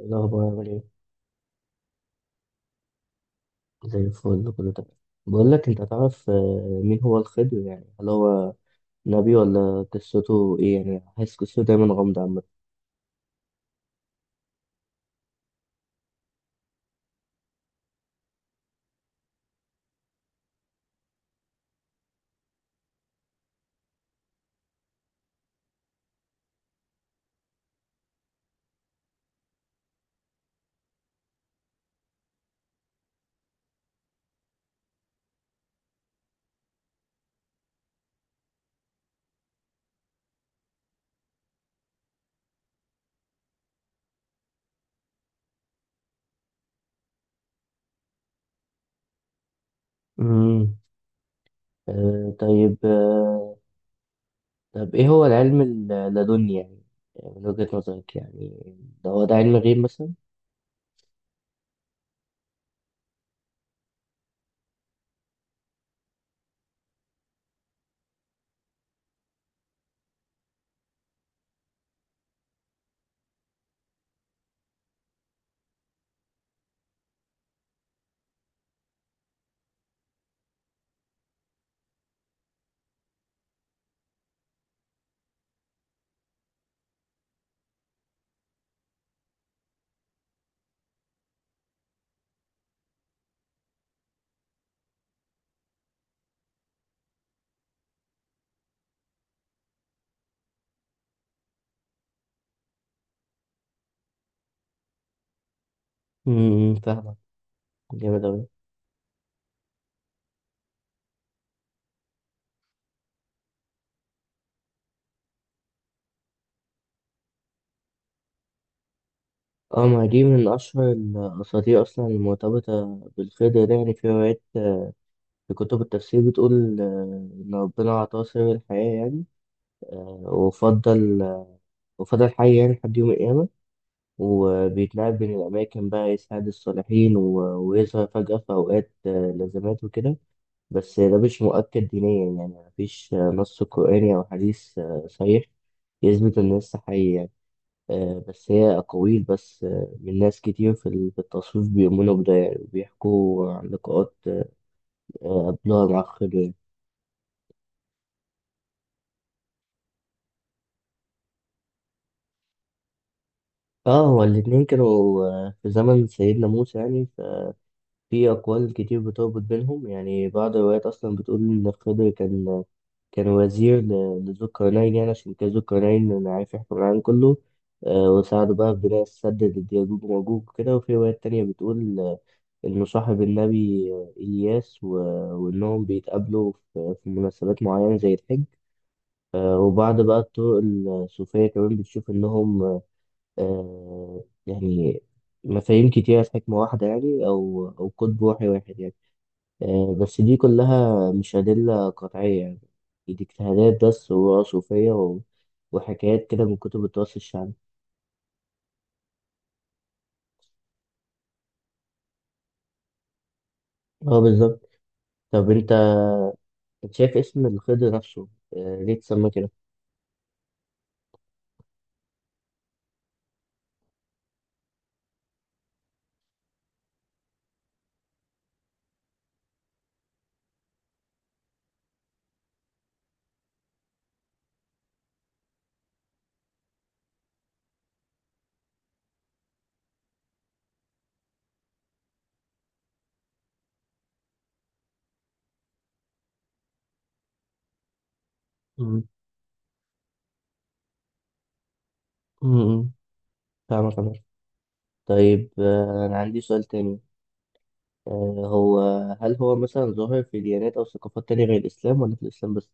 إيه الأخبار عامل إيه؟ زي الفل كله تمام. بقول لك، أنت تعرف مين هو الخضر يعني؟ هل هو نبي ولا قصته إيه؟ يعني حاسس قصته دايما غامضة عامة. أمم آه طيب. طب إيه هو العلم اللدني يعني؟ يعني من وجهة نظرك، يعني ده هو ده علم غيب مثلا؟ أمم، فاهمك. جامد أوي. اه، ما دي من أشهر الأساطير أصلا المرتبطة بالخضر ده. يعني في روايات، في كتب التفسير بتقول إن ربنا أعطاه سر الحياة يعني، وفضل وفضل حي يعني لحد يوم القيامة، وبيتنقل بين الأماكن بقى يساعد الصالحين ويظهر فجأة في أوقات لازمات وكده. بس ده مش مؤكد دينيا، يعني مفيش نص قرآني أو حديث صحيح يثبت إن لسه حي يعني. آه، بس هي أقاويل بس، من ناس كتير في في التصوف بيؤمنوا بده يعني، وبيحكوا عن لقاءات قبلها مع خضر يعني. اه، هو الاتنين كانوا في زمن سيدنا موسى يعني. في أقوال كتير بتربط بينهم، يعني بعض الروايات أصلا بتقول إن خضر كان وزير لذو القرنين، يعني عشان كان ذو القرنين عارف يحكم العالم كله. وساعده بقى في بناء السد ضد يأجوج ومأجوج وكده. وفي روايات تانية بتقول إنه صاحب النبي إلياس وإنهم بيتقابلوا في مناسبات معينة زي الحج. آه، وبعض بقى الطرق الصوفية كمان بتشوف إنهم، آه، يعني مفاهيم كتيرة في حكمة واحدة يعني، أو قطب روحي واحد يعني. آه، بس دي كلها مش أدلة قطعية يعني، دي اجتهادات بس وصوفية و... وحكايات كده من كتب التراث الشعبي. اه بالظبط. طب انت شايف اسم الخضر نفسه، ليه اتسمى كده؟ مم. مم. فاهمك أنا. طيب آه، أنا عندي سؤال تاني، آه، هو هل هو مثلا ظاهر في ديانات أو ثقافات تانية غير الإسلام ولا في الإسلام بس؟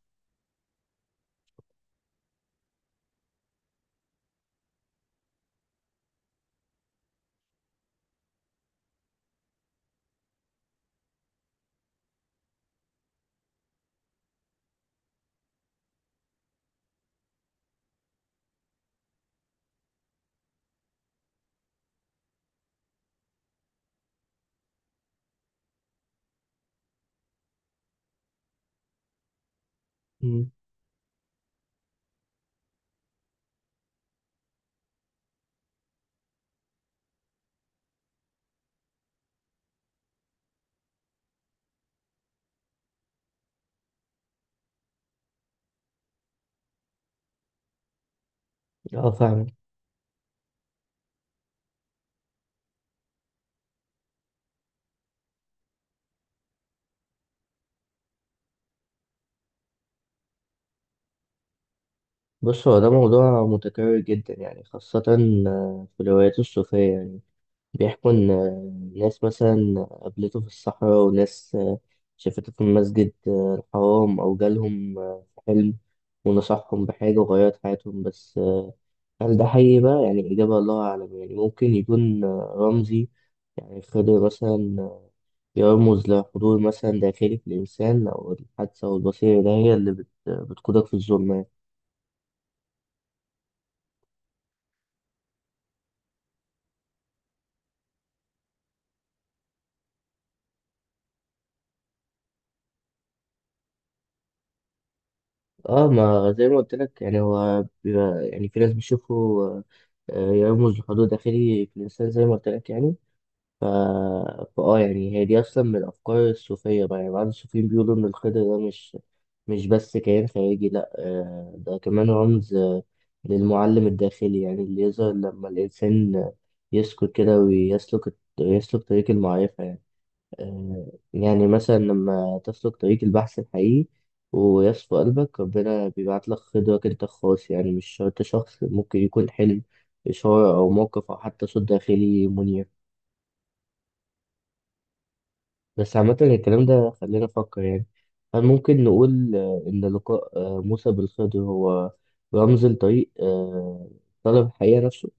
مم. اه فاهمك. بص، هو ده موضوع متكرر جدا يعني، خاصة في الروايات الصوفية يعني. بيحكوا إن ناس مثلا قابلته في الصحراء، وناس شافته في المسجد الحرام، أو جالهم في حلم ونصحهم بحاجة وغيرت حياتهم. بس هل ده حقيقي بقى؟ يعني إجابة الله أعلم. يعني ممكن يكون رمزي، يعني خضر مثلا يرمز لحضور مثلا داخلي في الإنسان، أو الحادثة والبصيرة ده هي اللي بتقودك في الظلمة. اه، ما زي ما قلت لك يعني، هو بيبقى يعني في ناس بيشوفوا يرمز لحضور داخلي في الإنسان زي ما قلت لك يعني. ف... فآه، يعني هي دي أصلا من الأفكار الصوفية بقى. يعني بعض الصوفيين بيقولوا إن الخضر ده مش بس كيان خارجي، لأ، آه، ده كمان رمز للمعلم الداخلي يعني، اللي يظهر لما الإنسان يسكت كده يسلك طريق المعرفة يعني. آه، يعني مثلا لما تسلك طريق البحث الحقيقي ويصفو قلبك، ربنا بيبعت لك خضرك انت الخاص يعني. مش شرط شخص، ممكن يكون حلم، إشارة أو موقف، أو حتى صوت داخلي منير. بس عامة الكلام ده، خلينا نفكر يعني، هل ممكن نقول إن لقاء موسى بالخضر هو رمز لطريق طلب الحقيقة نفسه؟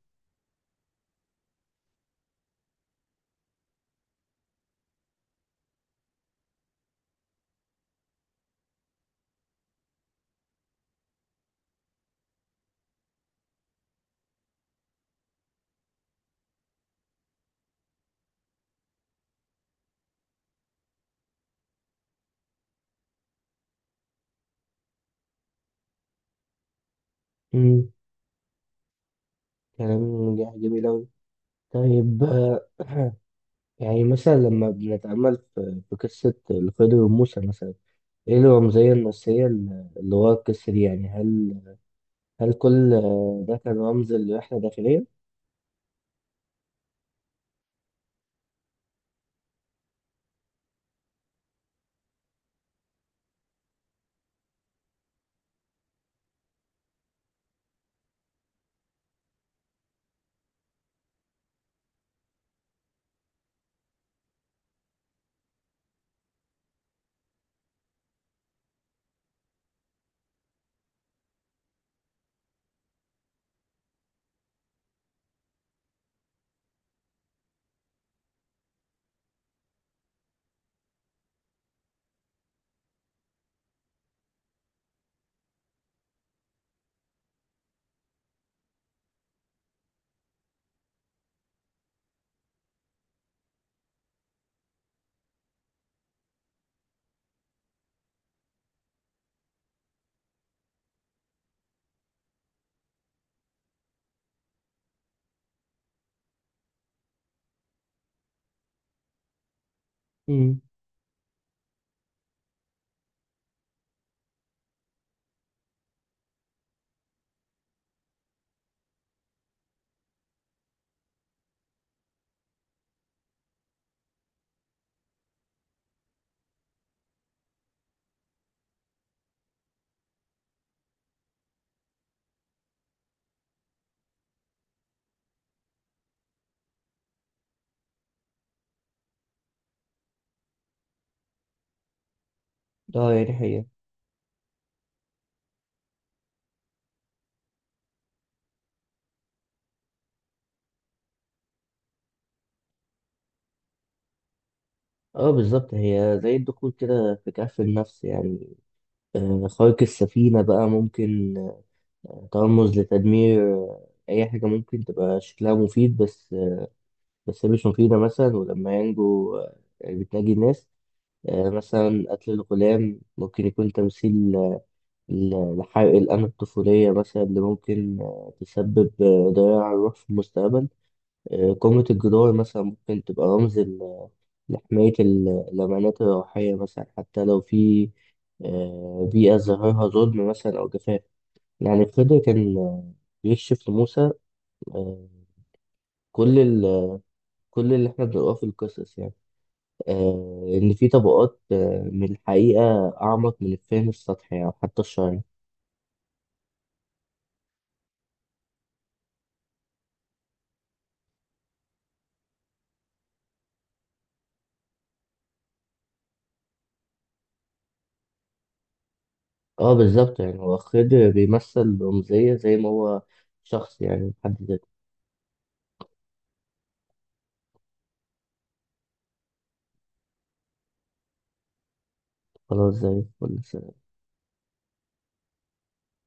مم، كلام جميل أوي. طيب آه، يعني مثلا لما بنتأمل في قصة الخضر وموسى مثلا، ايه الرمزية النسية اللي ورا القصة دي يعني؟ هل كل ده كان رمز لرحلة داخلية؟ امم. اه يعني هي، اه بالظبط، هي زي الدخول كده في كهف النفس يعني. آه، خارق السفينة بقى ممكن ترمز لتدمير أي حاجة ممكن تبقى شكلها مفيد، بس بس هي مش مفيدة مثلا. ولما ينجو بتناجي الناس. آه، مثلا قتل الغلام ممكن يكون تمثيل ال- الحرق الآن الطفولية مثلا اللي ممكن تسبب ضياع الروح في المستقبل. آه، قمة الجدار مثلا ممكن تبقى رمز لحماية الأمانات الروحية مثلا، حتى لو في بيئة ظاهرها ظلم مثلا أو جفاف. يعني خضر كان بيكشف لموسى، آه، كل ال- كل اللي احنا بنقراه في القصص يعني، آه، إن في طبقات من الحقيقة أعمق من الفهم السطحي أو حتى الشرعي. اه بالظبط، يعني هو خضر بيمثل رمزية زي ما هو شخص يعني حد ذاته. خلاص، زي الفل.